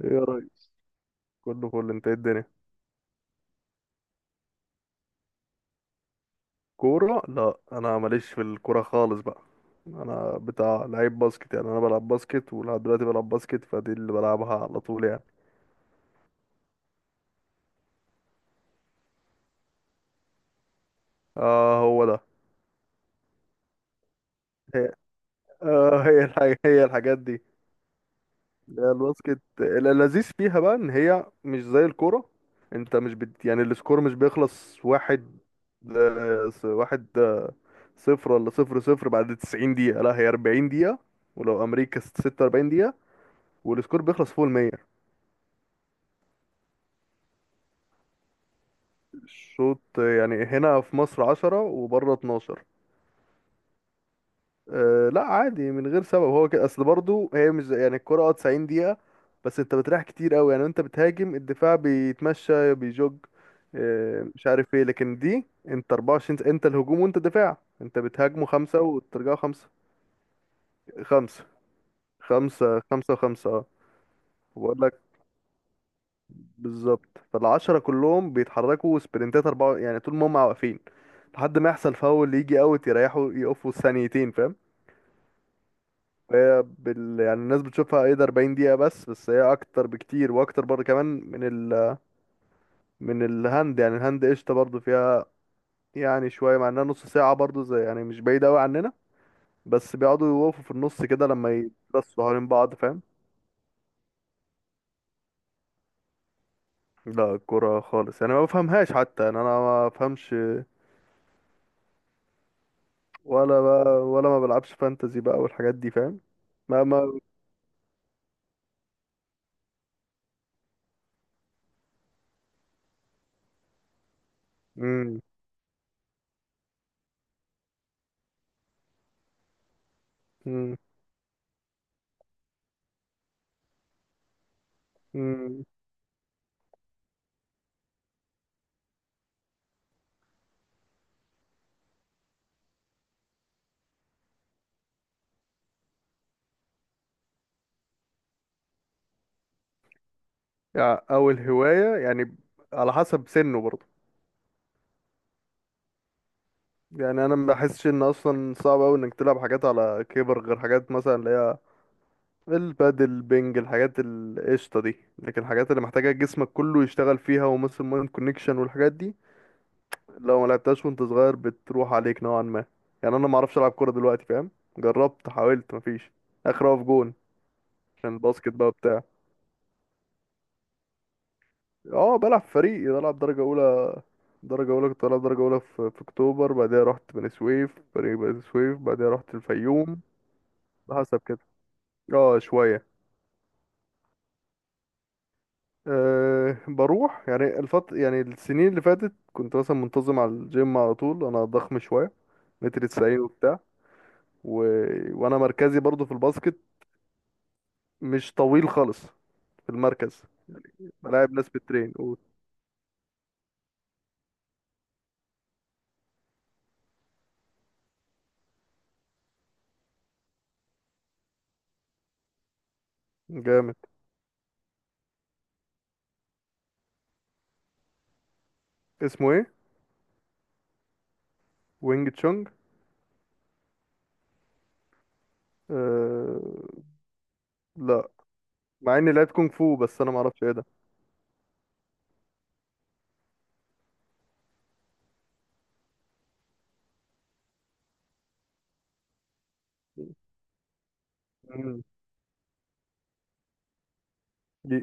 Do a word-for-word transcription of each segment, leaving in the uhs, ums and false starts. ايه يا ريس. كله فل، انت ايه الدنيا؟ كورة؟ لا انا ماليش في الكورة خالص بقى. انا بتاع لعيب باسكت، يعني انا بلعب باسكت ولحد دلوقتي بلعب باسكت، فدي اللي بلعبها على طول يعني. اه هو ده. هي آه هي الحاجة هي الحاجات دي. لا، الباسكت اللذيذ فيها بقى ان هي مش زي الكورة. انت مش بت... يعني السكور مش بيخلص واحد آه، س- واحد آه، صفر، ولا صفر صفر، بعد 90 دقيقة. لا هي 40 دقيقة، ولو امريكا 46 دقيقة، والسكور بيخلص فوق المية. الشوط يعني هنا في مصر عشرة وبره اتناشر. أه لا عادي من غير سبب، هو كده اصل. برضه هي مش زي- يعني الكرة اه 90 دقيقة، بس انت بتريح كتير قوي. يعني انت بتهاجم، الدفاع بيتمشى بيجوج. أه مش عارف ايه، لكن دي انت أربعة وعشرين س- انت الهجوم وانت الدفاع، انت بتهاجمه خمسة وترجعوا خمسة. خمسة، خمسة خمسة وخمسة اه. بقول لك، بالظبط فالعشرة كلهم بيتحركوا سبرنتات أربعة، يعني طول ما هم واقفين لحد ما يحصل فاول يجي اوت، يريحوا يقفوا ثانيتين، فاهم. هي بال... يعني الناس بتشوفها ايه ده 40 دقيقة، بس بس هي اكتر بكتير، واكتر برضه كمان من ال... من الهند. يعني الهند قشطة برضه فيها، يعني شوية، مع انها نص ساعة برضه، زي يعني مش بعيدة اوي عننا. بس بيقعدوا يوقفوا في النص كده لما يبصوا حوالين بعض، فاهم. لا الكرة خالص يعني ما بفهمهاش حتى، يعني انا ما بفهمش. ولا بقى، ولا ما بلعبش فانتزي بقى والحاجات دي، فاهم. ما ما مم. مم. مم. يعني اول هواية يعني، على حسب سنه برضه. يعني انا ما بحسش ان اصلا صعب اوي انك تلعب حاجات على كبر، غير حاجات مثلا اللي هي البادل، بينج، الحاجات القشطة دي. لكن الحاجات اللي محتاجة جسمك كله يشتغل فيها، ومثل مايند كونكشن والحاجات دي، لو ما لعبتهاش وانت صغير بتروح عليك نوعا ما. يعني انا ما اعرفش العب كورة دلوقتي فاهم. جربت، حاولت، مفيش. اخر اقف جون. عشان الباسكت بقى بتاع. اه بلعب فريق، بلعب درجة أولى. درجة أولى كنت بلعب درجة أولى في, في أكتوبر، بعدها رحت بني سويف، فريق بني سويف، بعدها رحت الفيوم. حسب كده. اه شوية. أه بروح يعني الفط، يعني السنين اللي فاتت كنت مثلا منتظم على الجيم على طول، أنا ضخم شوية، متر تسعين وبتاع و... وأنا مركزي برضو في الباسكت، مش طويل خالص، في المركز، بلاعب ناس بالترين قول. جامد. اسمه ايه؟ وينج تشونج؟ أه... لا، مع اني لعبت كونغ فو بس انا ما اعرفش ايه ده. امم. دي.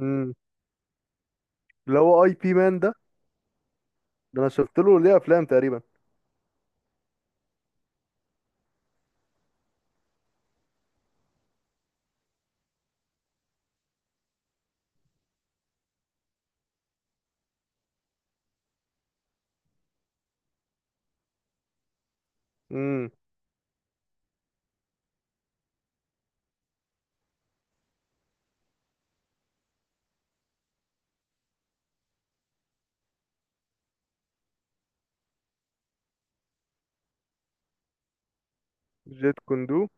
امم. اللي هو اي بي مان ده؟ ده انا شفت له ليه افلام تقريبا. امم. جيت كوندو.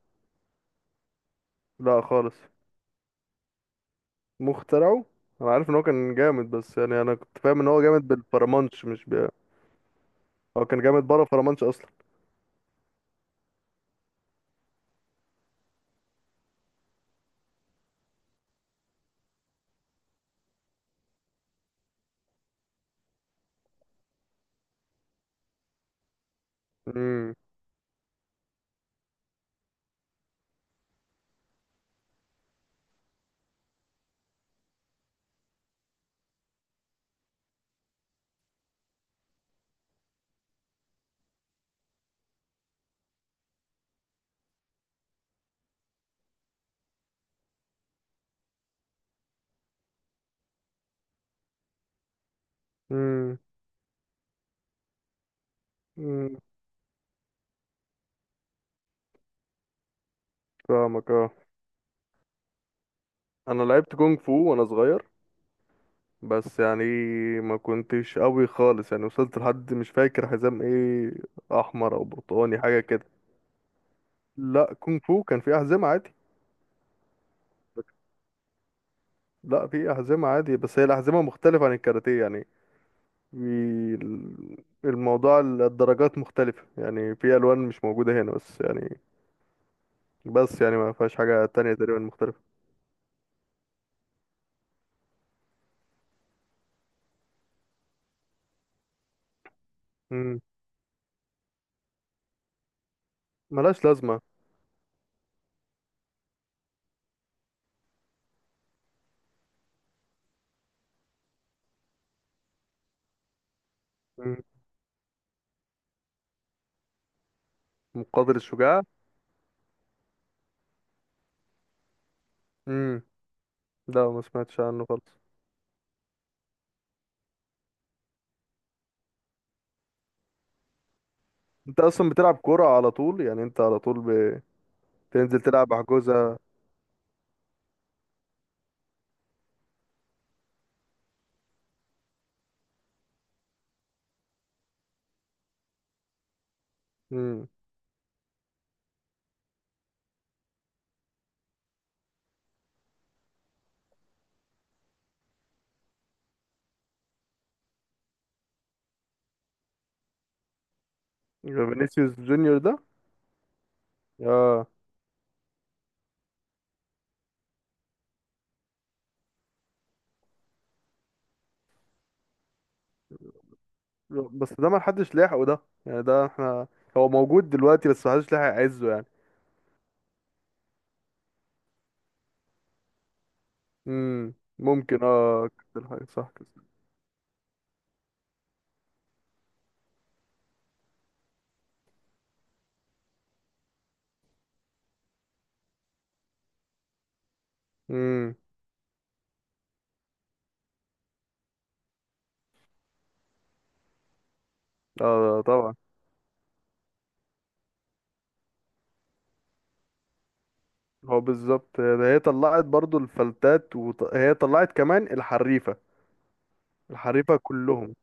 لا خالص. مخترعه. انا عارف ان هو كان جامد، بس يعني انا كنت فاهم ان هو جامد بالفرمانش مش ب... هو كان جامد بره فرمانش اصلا. امم. امم. امم. فاهمك اه. انا لعبت كونغ فو وانا صغير، بس يعني ما كنتش قوي خالص، يعني وصلت لحد مش فاكر حزام ايه، احمر او برتقاني حاجه كده. لا كونغ فو كان في أحزمة عادي. لا في أحزمة عادي، بس هي الأحزمة مختلفة عن الكاراتيه يعني. في ال- الموضوع ال- الدرجات مختلفة، يعني في ألوان مش موجودة هنا، بس يعني بس يعني ما فيهاش حاجة تانية تقريبا مختلفة. مم. ملهاش لازمة. مم. مقاتل الشجاع. مم. لا ما سمعتش عنه خالص. أنت أصلا بتلعب كورة على طول يعني، أنت على طول بتنزل تلعب حجوزة؟ مم. فينيسيوس جونيور ده. اه. بس ده ما حدش لاحقه، ده يعني ده احنا، هو موجود دلوقتي بس ما حدش لاحق يعزه يعني. امم ممكن اه كده الحاجة صح كده. امم. اه طبعا. هو بالظبط ده، هي طلعت برضو الفلتات، وهي طلعت كمان الحريفة، الحريفة كلهم.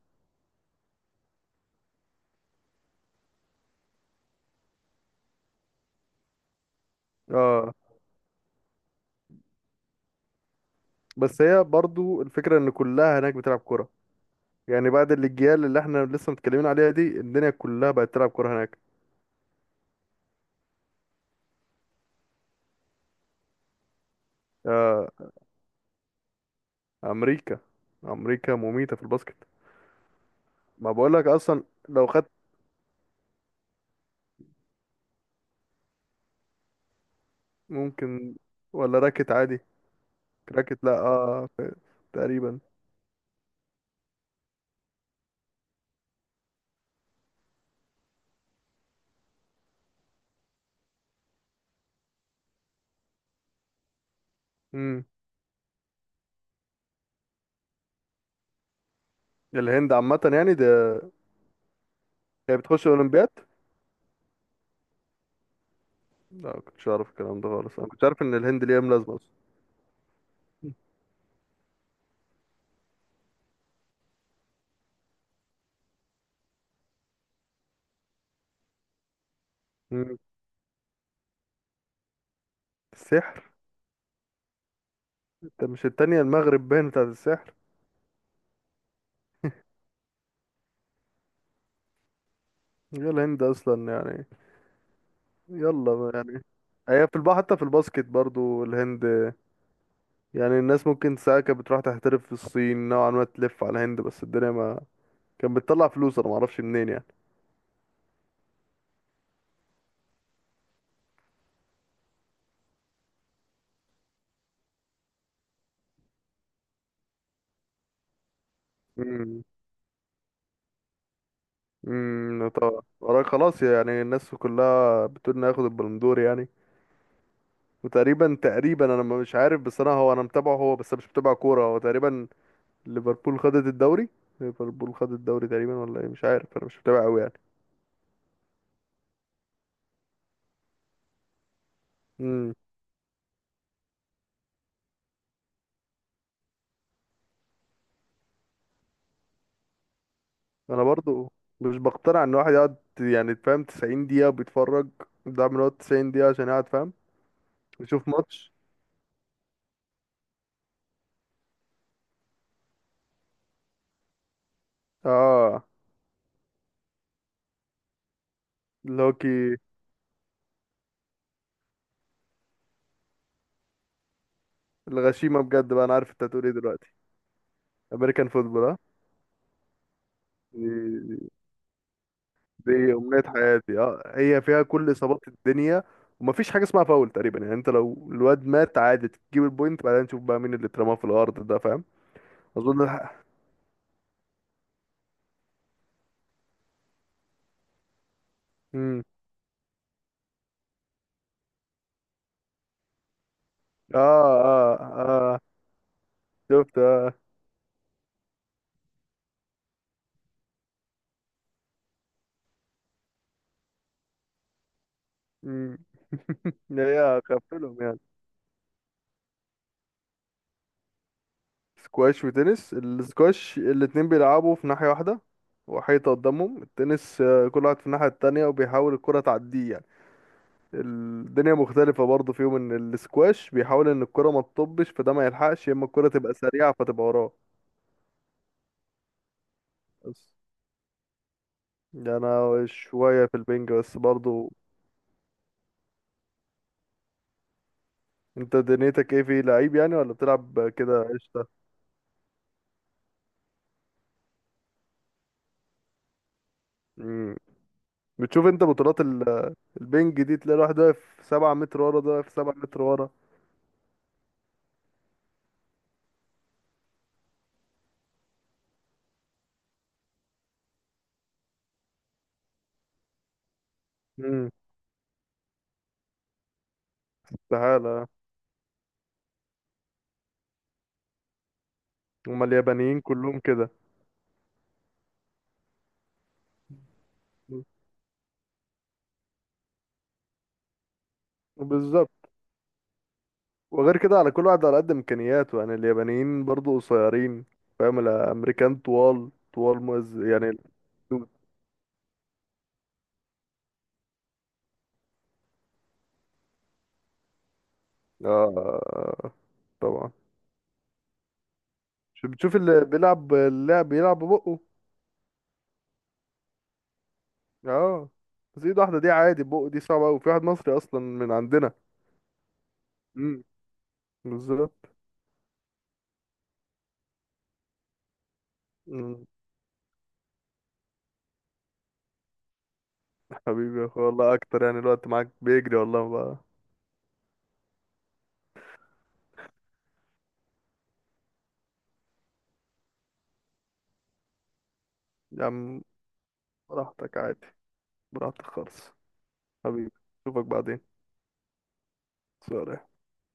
اه. بس هي برضو الفكرة ان كلها هناك بتلعب كرة، يعني بعد الاجيال اللي احنا لسه متكلمين عليها دي، الدنيا كلها بقت تلعب كرة هناك. آه، امريكا. امريكا مميتة في الباسكت. ما بقولك اصلا. لو خدت. ممكن. ولا راكت عادي. راكت؟ لا اه ف- تقريبا. امم. الهند عامة يعني ده. هي بتخش الأولمبياد؟ لا ما كنتش أعرف الكلام ده خالص، أنا كنت عارف إن الهند ليها أم لازمة أصلا. مم. السحر. أنت مش التانية المغرب باين بتاعت السحر. هي الهند أصلا يعني يلا بقى يعني. هي في البحر حتى في الباسكت برضو الهند. يعني الناس ممكن ساعة كانت بتروح تحترف في الصين نوعا ما تلف على الهند، بس الدنيا ما كانت بتطلع فلوس أنا معرفش منين يعني. مم. امم طبعا وراك خلاص، يعني الناس كلها بتقول انه هياخد البلندور يعني. وتقريبا تقريبا انا ما- مش عارف، بس انا هو انا متابعه، هو بس أنا مش متابع كوره، هو تقريبا ليفربول خدت الدوري. ليفربول خدت الدوري تقريبا ولا ايه مش عارف انا مش متابع قوي يعني. امم. انا برضو مش بقتنع ان واحد يقعد يعني فاهم تسعين دقيقة دقيقه بيتفرج. ده من وقت تسعين دقيقة دقيقه عشان يقعد فاهم يشوف ماتش. اه. اللي هو كي. الغشيمه بجد بقى، انا عارف انت هتقول ايه دلوقتي. امريكان فوتبول، ها. دي دي امنية حياتي، اه هي فيها كل اصابات الدنيا، ومفيش حاجة اسمها فاول تقريبا. يعني انت لو الواد مات عادي تجيب البوينت، بعدين نشوف بقى مين اللي اترماه في الارض ده، فاهم. اظن الح... مم. اه اه اه. شفت اه. مم. هي خفلهم يعني. سكواش وتنس، السكواش الاتنين بيلعبوا في ناحية واحدة، وحيطة قدامهم. التنس آه، كل واحد في الناحية التانية وبيحاول الكرة تعديه يعني. الدنيا مختلفة برضه فيهم ان السكواش بيحاول ان الكرة ما تطبش فده ما يلحقش، يا اما الكرة تبقى سريعة فتبقى وراه. بس يعني انا شوية في البنج بس برضه. انت دنيتك ايه في لعيب يعني، ولا بتلعب كده قشطة؟ مم. بتشوف انت بطولات ال- البنج دي، تلاقي الواحد واقف سبعة متر ورا، ده واقف سبعة متر ورا. امم. تعالى. هما اليابانيين كلهم كده. بالظبط. وغير كده على كل واحد على قد امكانياته، يعني اليابانيين برضو قصيرين فاهم، الامريكان طوال، طوال مز يعني ال- اه طبعا. شو بتشوف اللي بيلعب، اللاعب بيلعب ببقه. اه. بس ايد واحده دي عادي، بقه دي صعبه قوي، في واحد مصري اصلا من عندنا. امم. بالظبط. مم. حبيبي يا اخويا والله، اكتر يعني الوقت معاك بيجري والله بقى. يا عم براحتك عادي. براحتك خالص. حبيبي، اشوفك بعدين. سلام.